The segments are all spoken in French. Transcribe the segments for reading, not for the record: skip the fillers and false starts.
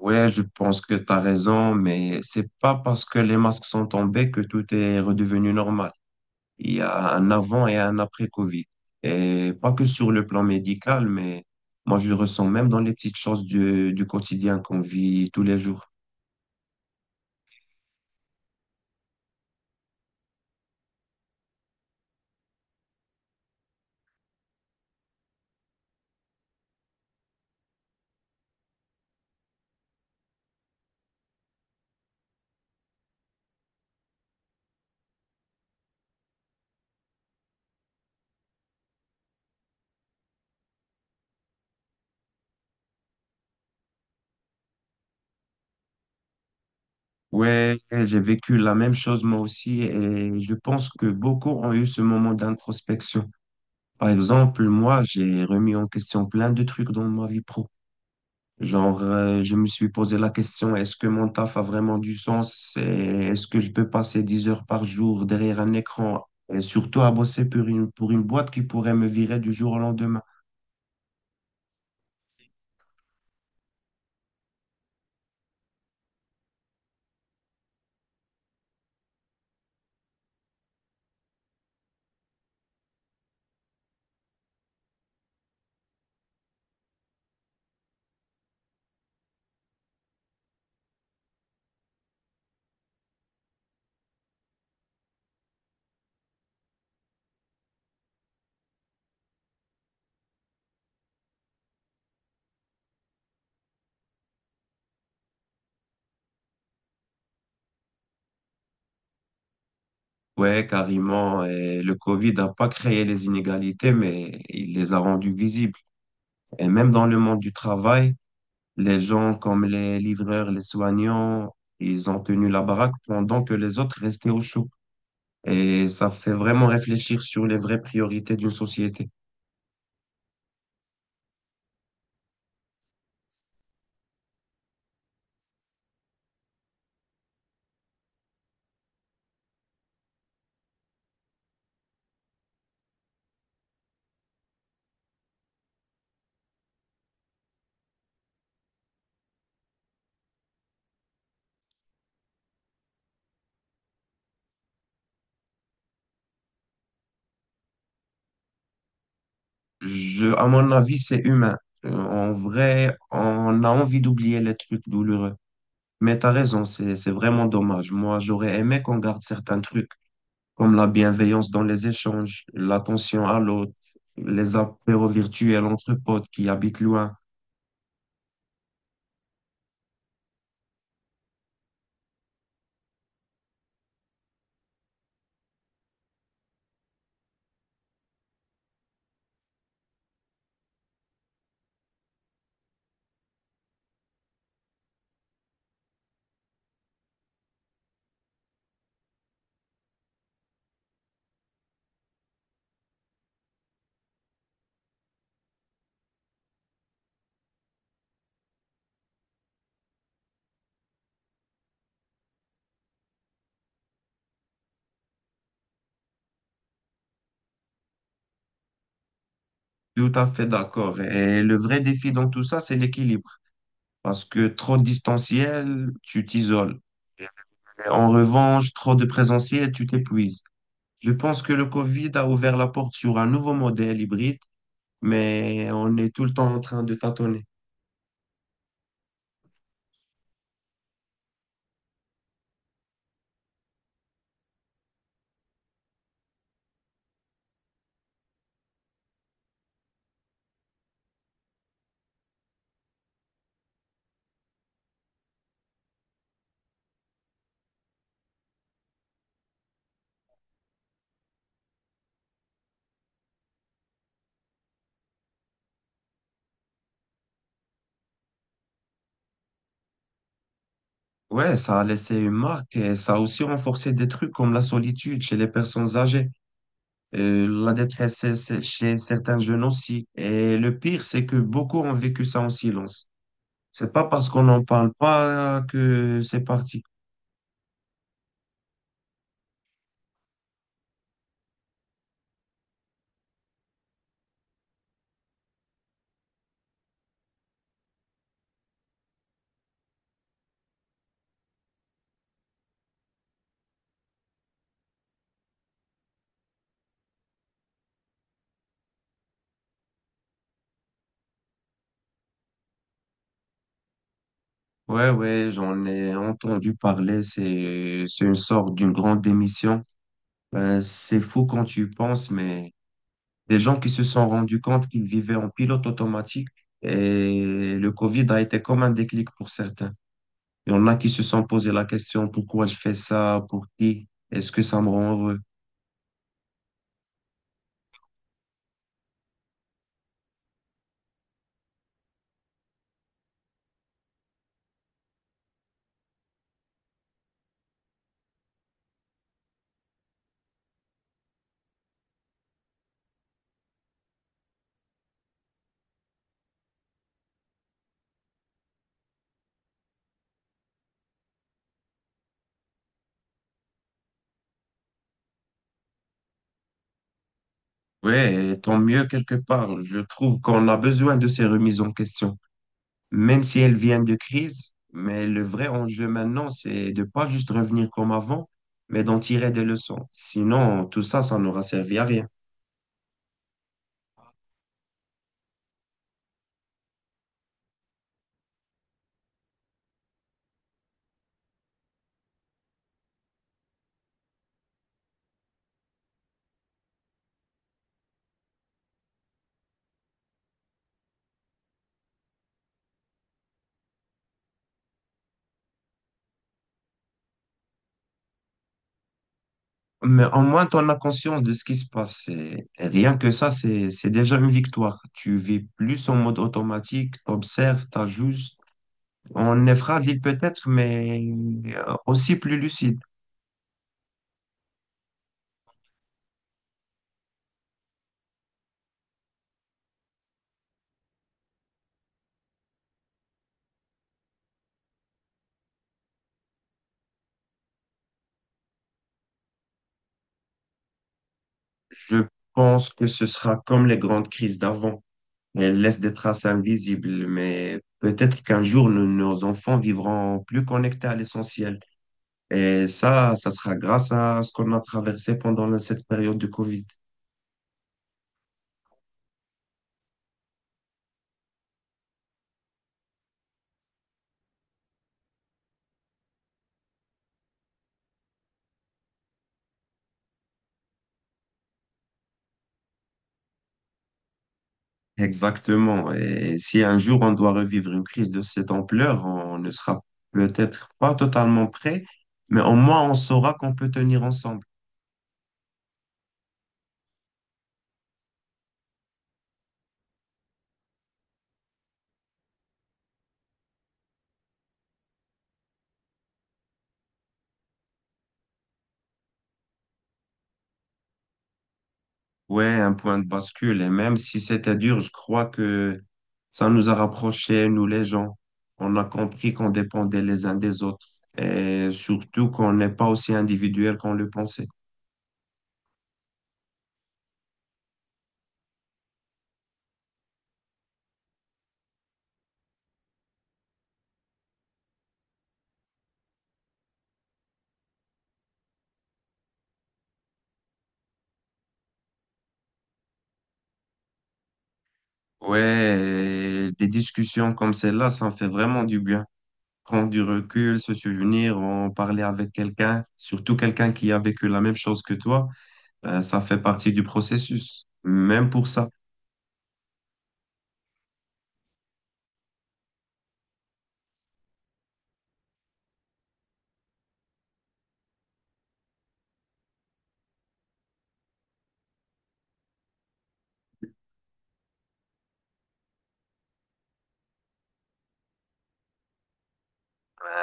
Ouais, je pense que tu as raison, mais c'est pas parce que les masques sont tombés que tout est redevenu normal. Il y a un avant et un après Covid. Et pas que sur le plan médical, mais moi je le ressens même dans les petites choses du quotidien qu'on vit tous les jours. Ouais, j'ai vécu la même chose moi aussi et je pense que beaucoup ont eu ce moment d'introspection. Par exemple, moi, j'ai remis en question plein de trucs dans ma vie pro. Genre, je me suis posé la question, est-ce que mon taf a vraiment du sens? Et est-ce que je peux passer 10 heures par jour derrière un écran et surtout à bosser pour une boîte qui pourrait me virer du jour au lendemain? Ouais, carrément. Et le Covid n'a pas créé les inégalités, mais il les a rendues visibles. Et même dans le monde du travail, les gens comme les livreurs, les soignants, ils ont tenu la baraque pendant que les autres restaient au chaud. Et ça fait vraiment réfléchir sur les vraies priorités d'une société. Je, à mon avis, c'est humain. En vrai, on a envie d'oublier les trucs douloureux. Mais t'as raison, c'est vraiment dommage. Moi, j'aurais aimé qu'on garde certains trucs, comme la bienveillance dans les échanges, l'attention à l'autre, les apéros virtuels entre potes qui habitent loin. Tout à fait d'accord. Et le vrai défi dans tout ça, c'est l'équilibre. Parce que trop de distanciel, tu t'isoles. En revanche, trop de présentiel, tu t'épuises. Je pense que le Covid a ouvert la porte sur un nouveau modèle hybride, mais on est tout le temps en train de tâtonner. Ouais, ça a laissé une marque et ça a aussi renforcé des trucs comme la solitude chez les personnes âgées, la détresse chez certains jeunes aussi. Et le pire, c'est que beaucoup ont vécu ça en silence. C'est pas parce qu'on n'en parle pas que c'est parti. Ouais, ouais, j'en ai entendu parler. C'est une sorte d'une grande démission. C'est fou quand tu y penses, mais des gens qui se sont rendus compte qu'ils vivaient en pilote automatique et le Covid a été comme un déclic pour certains. Il y en a qui se sont posé la question, pourquoi je fais ça? Pour qui? Est-ce que ça me rend heureux? Oui, tant mieux quelque part. Je trouve qu'on a besoin de ces remises en question, même si elles viennent de crise. Mais le vrai enjeu maintenant, c'est de pas juste revenir comme avant, mais d'en tirer des leçons. Sinon, tout ça, ça n'aura servi à rien. Mais au moins, tu en as conscience de ce qui se passe. Et rien que ça, c'est déjà une victoire. Tu vis plus en mode automatique, t'observes, t'ajustes. On est fragile peut-être, mais aussi plus lucide. Je pense que ce sera comme les grandes crises d'avant. Elles laissent des traces invisibles, mais peut-être qu'un jour, nos enfants vivront plus connectés à l'essentiel. Et ça sera grâce à ce qu'on a traversé pendant cette période de Covid. Exactement. Et si un jour on doit revivre une crise de cette ampleur, on ne sera peut-être pas totalement prêt, mais au moins on saura qu'on peut tenir ensemble. Ouais, un point de bascule. Et même si c'était dur, je crois que ça nous a rapprochés, nous les gens. On a compris qu'on dépendait les uns des autres et surtout qu'on n'est pas aussi individuel qu'on le pensait. Ouais, et des discussions comme celle-là, ça en fait vraiment du bien. Prendre du recul, se souvenir, en parler avec quelqu'un, surtout quelqu'un qui a vécu la même chose que toi, ça fait partie du processus, même pour ça.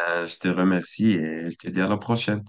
Je te remercie et je te dis à la prochaine.